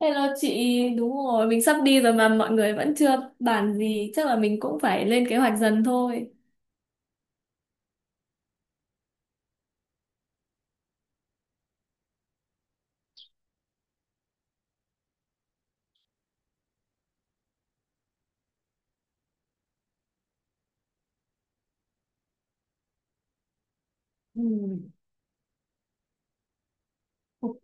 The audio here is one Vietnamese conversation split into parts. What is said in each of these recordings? Hello chị, đúng rồi, mình sắp đi rồi mà mọi người vẫn chưa bàn gì, chắc là mình cũng phải lên kế hoạch dần thôi. Ừ. Ok,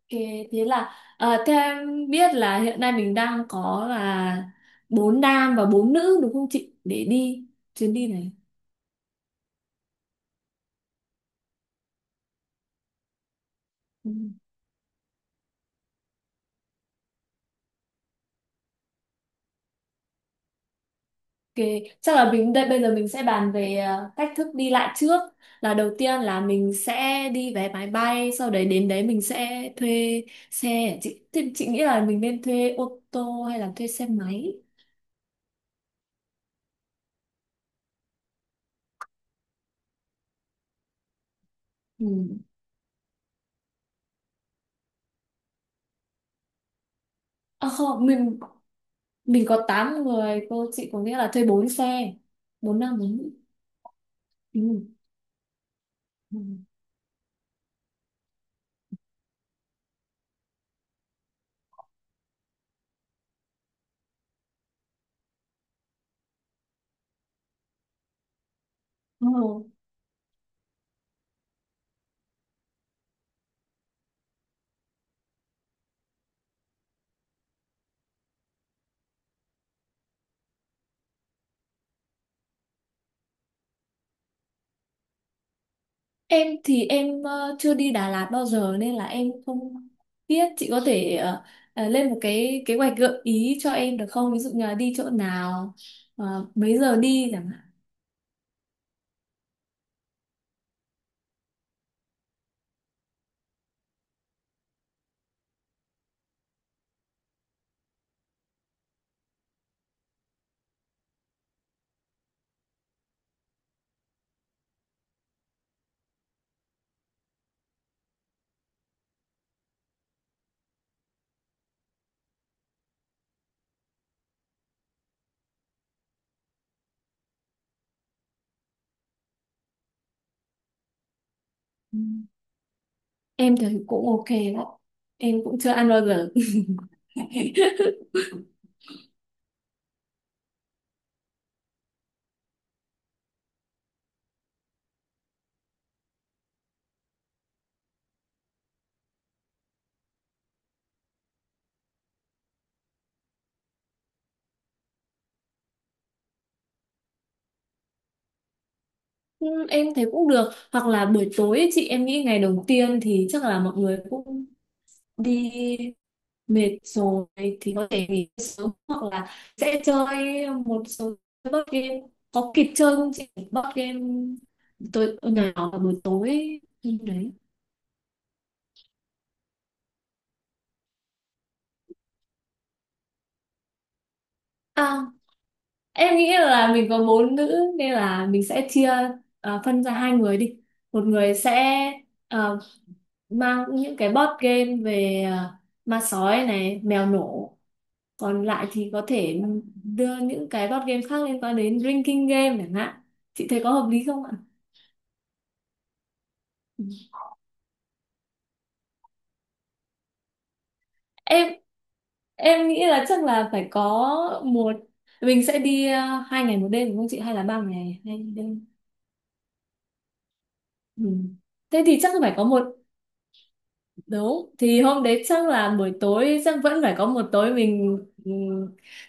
thế là theo em biết là hiện nay mình đang có là bốn nam và bốn nữ đúng không chị? Để đi chuyến đi này. Ừ. Ok, chắc là mình đây bây giờ mình sẽ bàn về cách thức đi lại trước. Là đầu tiên là mình sẽ đi vé máy bay, sau đấy đến đấy mình sẽ thuê xe. Chị, thì chị nghĩ là mình nên thuê ô tô hay là thuê xe máy? Ừ. À không, mình có 8 người, cô chị có nghĩa là thuê 4 xe, 4 nam 4 nữ. Ừ. Ừ. Ừ. Em thì em chưa đi Đà Lạt bao giờ nên là em không biết chị có thể lên một cái kế hoạch gợi ý cho em được không? Ví dụ như là đi chỗ nào, mấy giờ đi chẳng hạn. Ừ. Em thì cũng ok đó. Em cũng chưa ăn bao giờ. Ừ, em thấy cũng được, hoặc là buổi tối ấy, chị em nghĩ ngày đầu tiên thì chắc là mọi người cũng đi mệt rồi thì có thể nghỉ sớm, hoặc là sẽ chơi một số board game, có kịp chơi không chị, board game tối nhỏ vào buổi tối ấy. Ừ, đấy, à, em nghĩ là mình có bốn nữ nên là mình sẽ chia, phân ra hai người đi, một người sẽ à, mang những cái board game về, ma sói này, mèo nổ, còn lại thì có thể đưa những cái board game khác liên quan đến drinking game chẳng hạn, chị thấy có hợp lý không ạ? Ừ. em em nghĩ là chắc là phải có một, mình sẽ đi hai ngày một đêm đúng không chị, hay là ba ngày hai đêm. Ừ. Thế thì chắc phải có một, đúng thì hôm đấy chắc là buổi tối chắc vẫn phải có một tối mình, ừ,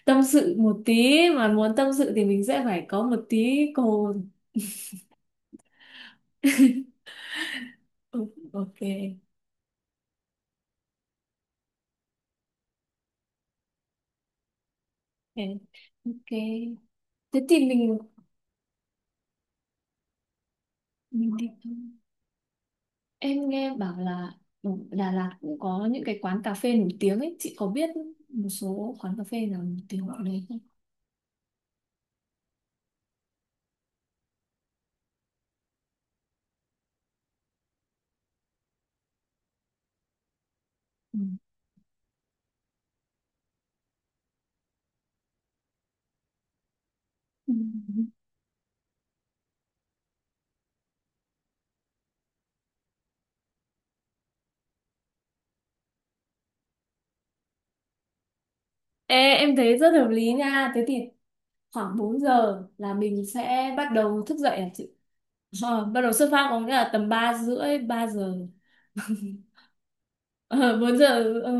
tâm sự một tí, mà muốn tâm sự thì mình sẽ phải có một tí cồn. Ừ, ok. Ok ok Thế thì mình tìm thôi. Em nghe bảo là ở Đà Lạt cũng có những cái quán cà phê nổi tiếng ấy. Chị có biết một số quán cà phê nào nổi tiếng ở đấy không? Ừ. Ừ. Ê, em thấy rất hợp lý nha. Thế thì khoảng 4 giờ là mình sẽ bắt đầu thức dậy à chị? Ờ, bắt đầu xuất phát có nghĩa là tầm 3 rưỡi, 3 giờ. Ờ, 4 giờ, ừ,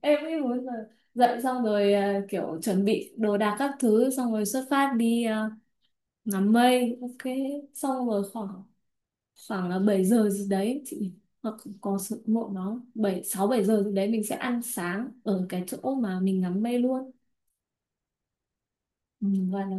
em nghĩ 4 giờ. Dậy xong rồi, kiểu chuẩn bị đồ đạc các thứ, xong rồi xuất phát đi, ngắm mây. Ok, xong rồi khoảng, khoảng là 7 giờ gì đấy chị, hoặc có sự muộn nó 7 6 7 giờ gì đấy mình sẽ ăn sáng ở cái chỗ mà mình ngắm mây luôn. Ừ, và nó,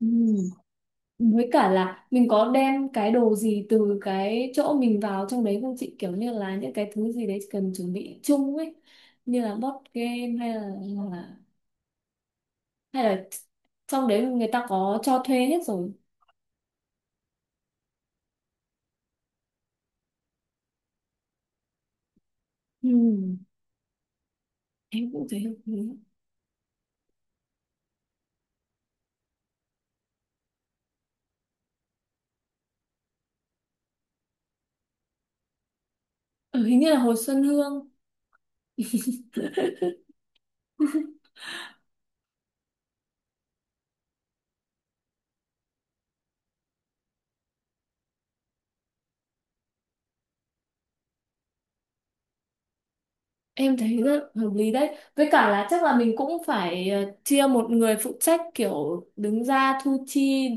ừ, với cả là mình có đem cái đồ gì từ cái chỗ mình vào trong đấy không chị, kiểu như là những cái thứ gì đấy cần chuẩn bị chung ấy, như là board game hay là, hoặc là hay là trong đấy người ta có cho thuê hết rồi. Ừ. Em cũng thấy hợp lý. Ờ, hình như là hồi Xuân Hương. Em thấy rất hợp lý đấy. Với cả là chắc là mình cũng phải, chia một người phụ trách kiểu đứng ra thu chi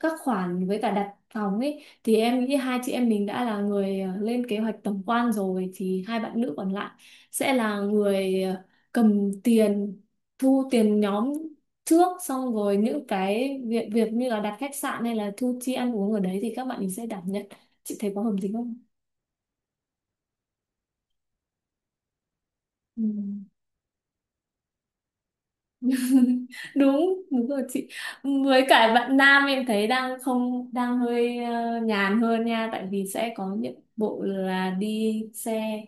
các khoản với cả đặt phòng ấy. Thì em nghĩ hai chị em mình đã là người, lên kế hoạch tổng quan rồi thì hai bạn nữ còn lại sẽ là người, cầm tiền, thu tiền nhóm trước, xong rồi những cái việc việc như là đặt khách sạn hay là thu chi ăn uống ở đấy thì các bạn mình sẽ đảm nhận. Chị thấy có hợp lý không? Ừ. đúng đúng rồi chị, với cả bạn nam em thấy đang không đang hơi, nhàn hơn nha, tại vì sẽ có những bộ là đi xe,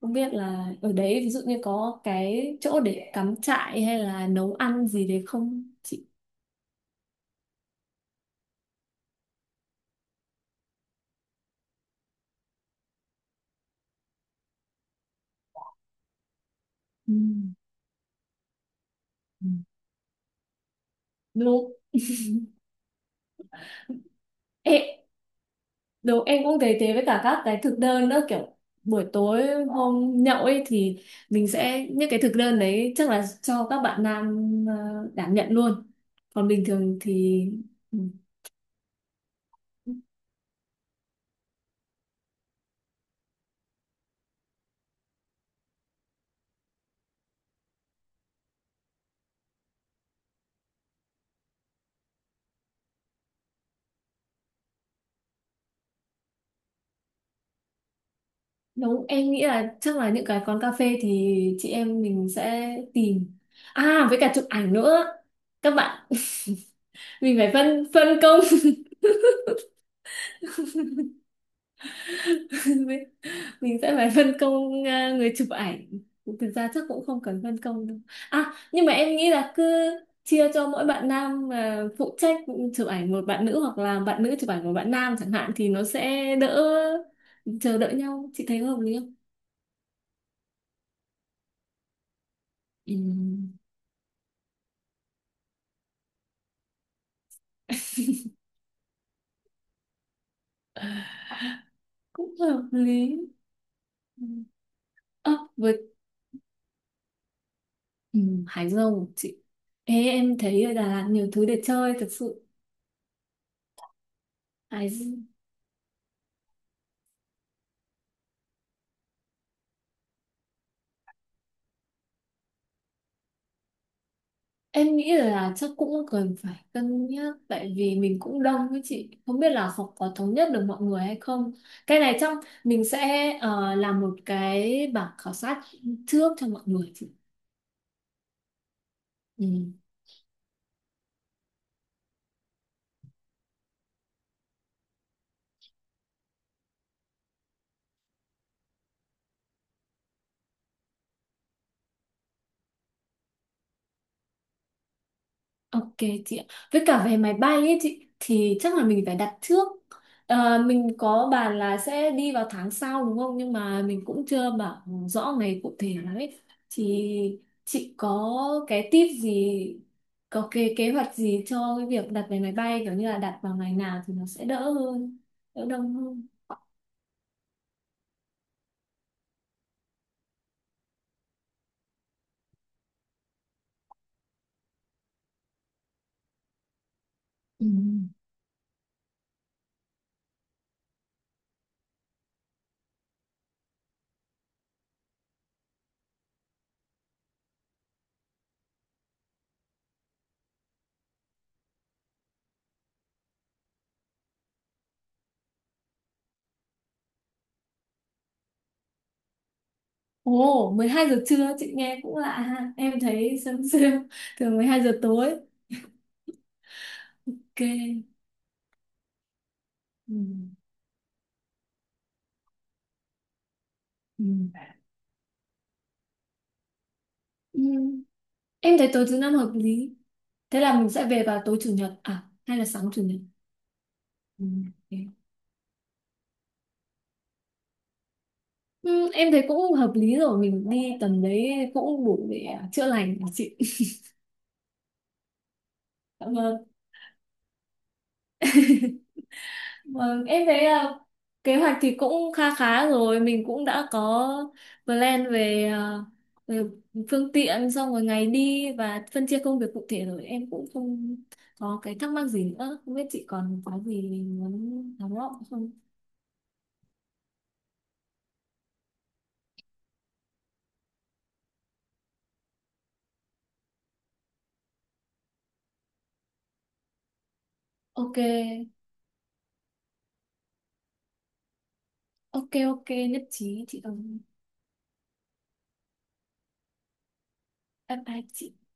không biết là ở đấy ví dụ như có cái chỗ để cắm trại hay là nấu ăn gì đấy không chị. Ừ. Ừ. Đúng. Ê, đúng, em cũng thấy thế, với cả các cái thực đơn nữa kiểu buổi tối hôm nhậu ấy thì mình sẽ, những cái thực đơn đấy chắc là cho các bạn nam, đảm nhận luôn, còn bình thường thì, ừ, đúng. Em nghĩ là chắc là những cái quán cà phê thì chị em mình sẽ tìm, với cả chụp ảnh nữa các bạn. Mình phải phân phân công. Mình sẽ phải phân công, người chụp ảnh, thực ra chắc cũng không cần phân công đâu, nhưng mà em nghĩ là cứ chia cho mỗi bạn nam, phụ trách chụp ảnh một bạn nữ, hoặc là bạn nữ chụp ảnh một bạn nam chẳng hạn, thì nó sẽ đỡ chờ đợi nhau, chị thấy có hợp lý không? Ừ. Cũng hợp lý. Ừ. Ơ, với, ừ, Hải Dương chị. Ê, em thấy ở Đà Lạt nhiều thứ để chơi thật sự. Hải. Em nghĩ là chắc cũng cần phải cân nhắc, tại vì mình cũng đông, với chị không biết là học có thống nhất được mọi người hay không, cái này trong, mình sẽ, làm một cái bảng khảo sát trước cho mọi người chị. Ừ. Ok chị ạ. Với cả về máy bay ấy chị thì chắc là mình phải đặt trước. Ờ, mình có bàn là sẽ đi vào tháng sau đúng không? Nhưng mà mình cũng chưa bảo rõ ngày cụ thể lắm ấy. Thì chị có cái tip gì, có cái kế hoạch gì cho cái việc đặt vé máy bay kiểu như là đặt vào ngày nào thì nó sẽ đỡ hơn, đỡ đông hơn. Ừ. Ồ, 12 giờ trưa chị nghe cũng lạ ha. Em thấy sớm, sớm, thường 12 giờ tối. Ok. Ừ. Ừ. Ừ. Em thấy tối thứ năm hợp lý. Thế là mình sẽ về vào tối chủ nhật à hay là sáng chủ nhật? Ừ. Ok. Ừ, em thấy cũng hợp lý rồi, mình đi tầm đấy cũng đủ để, chữa lành của chị. Dạ vâng. Vâng, em thấy, kế hoạch thì cũng kha khá rồi, mình cũng đã có plan về, về phương tiện, xong rồi ngày đi và phân chia công việc cụ thể rồi. Em cũng không có cái thắc mắc gì nữa. Không biết chị còn có gì muốn thắc mắc không? Ok, ok, nhất trí chị đồng. Bye bye chị.